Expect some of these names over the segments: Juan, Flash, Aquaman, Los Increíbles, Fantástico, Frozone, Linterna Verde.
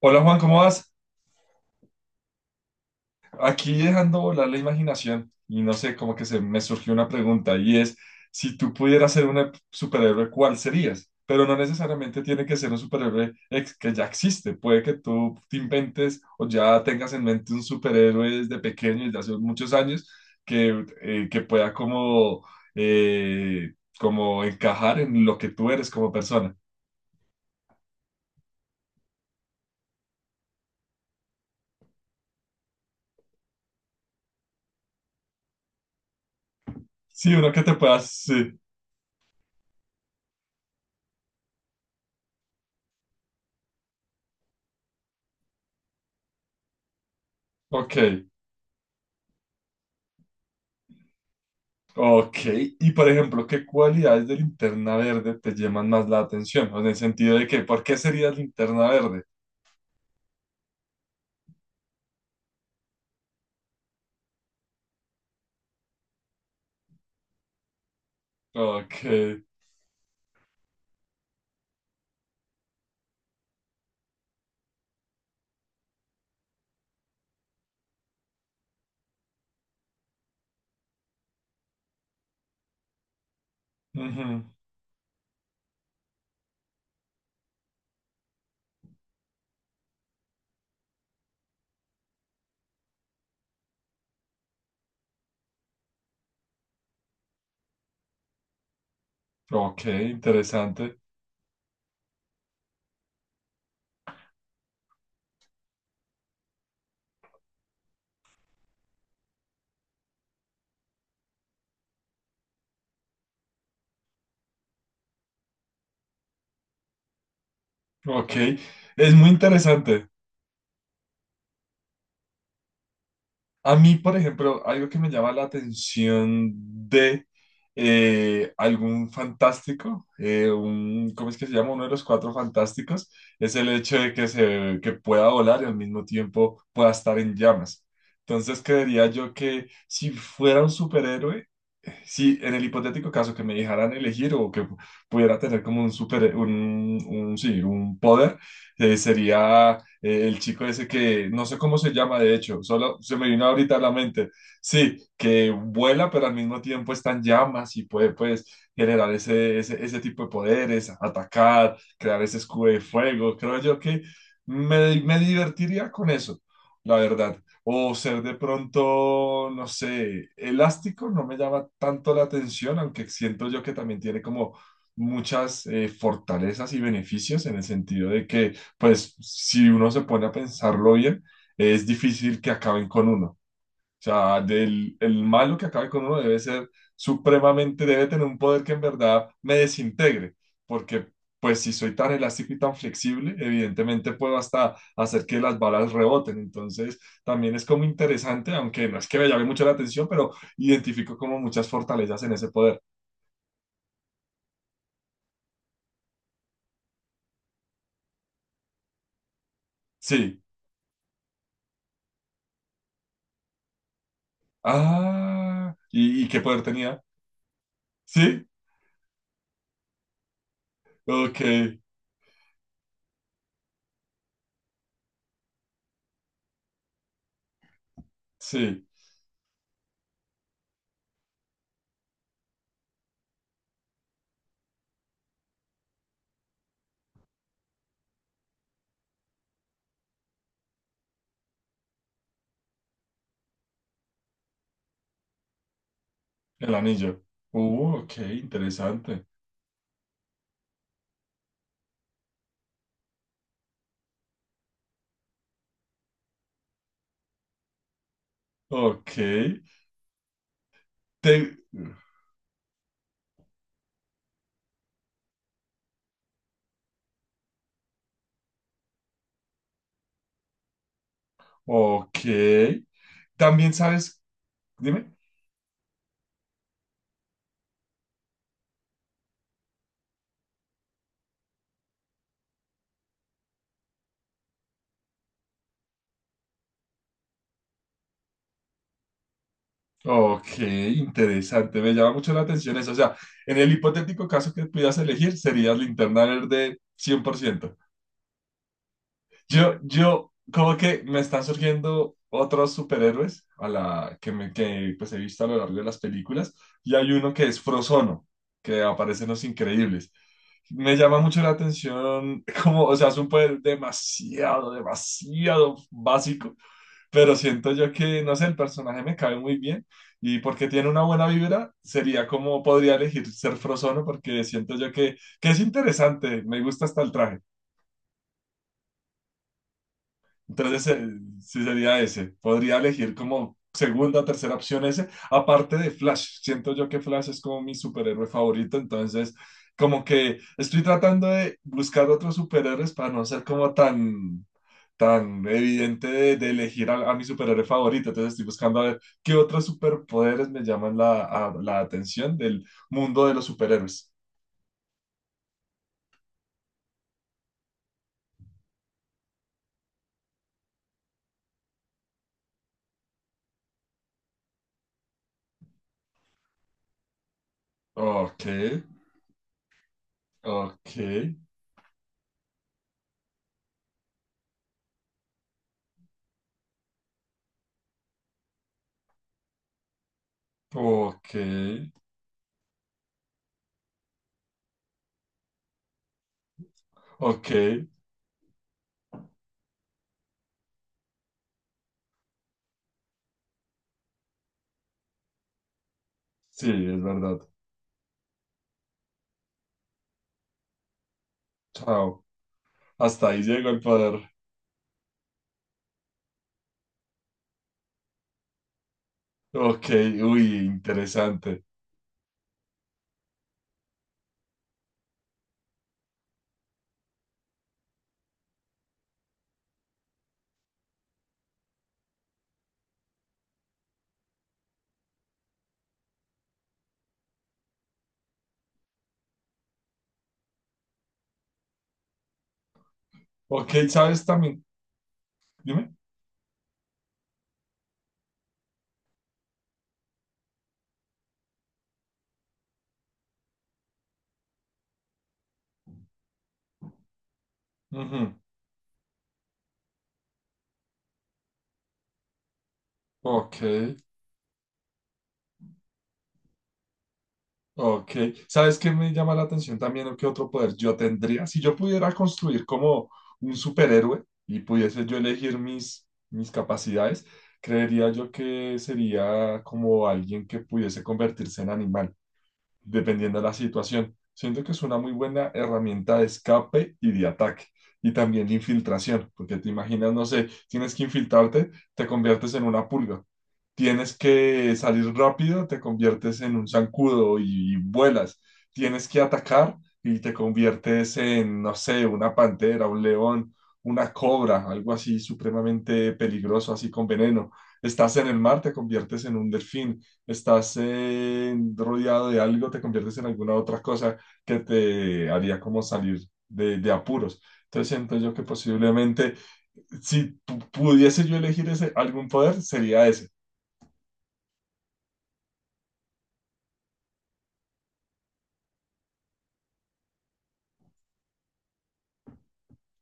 Hola Juan, ¿cómo vas? Aquí dejando volar la imaginación y no sé, como que se me surgió una pregunta y es, si tú pudieras ser un superhéroe, ¿cuál serías? Pero no necesariamente tiene que ser un superhéroe que ya existe, puede que tú te inventes o ya tengas en mente un superhéroe desde pequeño, desde hace muchos años, que pueda como, como encajar en lo que tú eres como persona. Sí, uno que te pueda, sí, ok. Ok, y por ejemplo, ¿qué cualidades de Linterna Verde te llaman más la atención? O en el sentido de que, ¿por qué sería Linterna Verde? Ok, ujú, ok, interesante. Ok, es muy interesante. A mí, por ejemplo, algo que me llama la atención de algún fantástico, un, ¿cómo es que se llama? Uno de los Cuatro Fantásticos, es el hecho de que pueda volar y al mismo tiempo pueda estar en llamas. Entonces, creería yo que si fuera un superhéroe, si en el hipotético caso que me dejaran elegir o que pudiera tener como un super, un, sí, un poder, sería el chico ese que no sé cómo se llama, de hecho, solo se me vino ahorita a la mente. Sí, que vuela, pero al mismo tiempo está en llamas y puede, pues, generar ese tipo de poderes, atacar, crear ese escudo de fuego. Creo yo que me divertiría con eso, la verdad. O ser de pronto, no sé, elástico no me llama tanto la atención, aunque siento yo que también tiene como muchas fortalezas y beneficios en el sentido de que, pues, si uno se pone a pensarlo bien, es difícil que acaben con uno. O sea, el malo que acabe con uno debe ser supremamente, debe tener un poder que en verdad me desintegre, porque pues si soy tan elástico y tan flexible, evidentemente puedo hasta hacer que las balas reboten. Entonces, también es como interesante, aunque no es que me llame mucho la atención, pero identifico como muchas fortalezas en ese poder. Sí. Ah, ¿y qué poder tenía? Sí. Ok, sí. El anillo. Ok, interesante. Ok. Te, Ok. También sabes, dime. Ok, interesante. Me llama mucho la atención eso. O sea, en el hipotético caso que pudieras elegir, serías Linterna Verde 100%. Yo, como que me están surgiendo otros superhéroes a la que, me, que pues he visto a lo largo de las películas. Y hay uno que es Frozono, que aparece en Los Increíbles. Me llama mucho la atención, como, o sea, es un poder demasiado, demasiado básico pero siento yo que, no sé, el personaje me cabe muy bien y porque tiene una buena vibra, sería como podría elegir ser Frozono porque siento yo que es interesante, me gusta hasta el traje. Entonces, sí sería ese. Podría elegir como segunda, tercera opción ese. Aparte de Flash, siento yo que Flash es como mi superhéroe favorito, entonces como que estoy tratando de buscar otros superhéroes para no ser como tan, tan evidente de elegir a mi superhéroe favorito. Entonces estoy buscando a ver qué otros superpoderes me llaman la atención del mundo de los superhéroes. Ok, ok, ok, ok. Sí, es verdad. Chao. Hasta ahí llegó el poder. Ok, uy, interesante. Ok, ¿sabes también? Dime. Ujú. Ok, ok. ¿Sabes qué me llama la atención también qué otro poder yo tendría? Si yo pudiera construir como un superhéroe y pudiese yo elegir mis capacidades, creería yo que sería como alguien que pudiese convertirse en animal, dependiendo de la situación. Siento que es una muy buena herramienta de escape y de ataque. Y también de infiltración, porque te imaginas, no sé, tienes que infiltrarte, te conviertes en una pulga. Tienes que salir rápido, te conviertes en un zancudo y vuelas. Tienes que atacar y te conviertes en, no sé, una pantera, un león, una cobra, algo así supremamente peligroso, así con veneno. Estás en el mar, te conviertes en un delfín. Estás rodeado de algo, te conviertes en alguna otra cosa que te haría como salir de apuros. Entonces siento yo que posiblemente si pudiese yo elegir ese, algún poder, sería ese.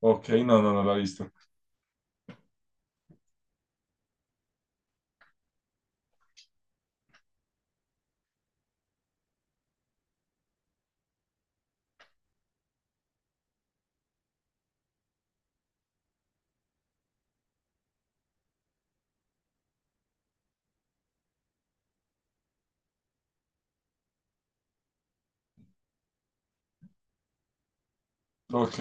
Ok, no, no, no la he visto. Ok,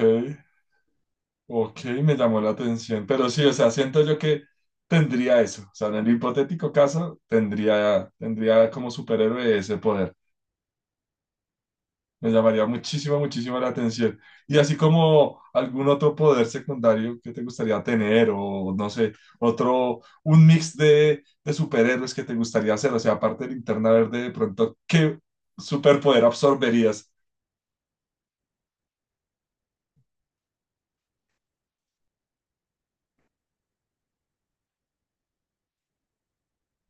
ok, me llamó la atención. Pero sí, o sea, siento yo que tendría eso. O sea, en el hipotético caso, tendría, como superhéroe ese poder. Me llamaría muchísimo, muchísimo la atención. Y así como algún otro poder secundario que te gustaría tener, o no sé, otro, un mix de superhéroes que te gustaría hacer. O sea, aparte del Linterna Verde, de pronto, ¿qué superpoder absorberías?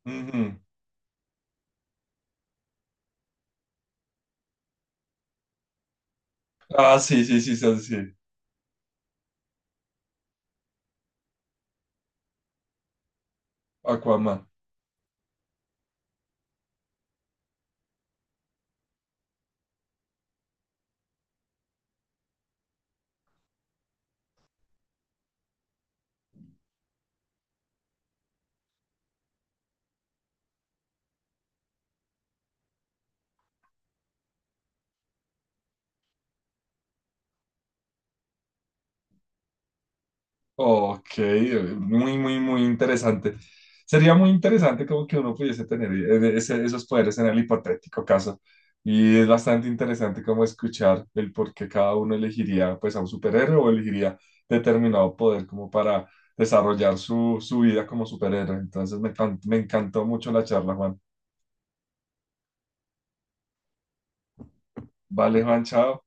Ujú. Ah, sí, sí, sí, sí, sí, sí. Aquaman. Ok, muy, muy, muy interesante. Sería muy interesante como que uno pudiese tener esos poderes en el hipotético caso. Y es bastante interesante como escuchar el por qué cada uno elegiría pues a un superhéroe o elegiría determinado poder como para desarrollar su vida como superhéroe. Entonces me encantó mucho la charla, Juan. Vale, Juan, chao.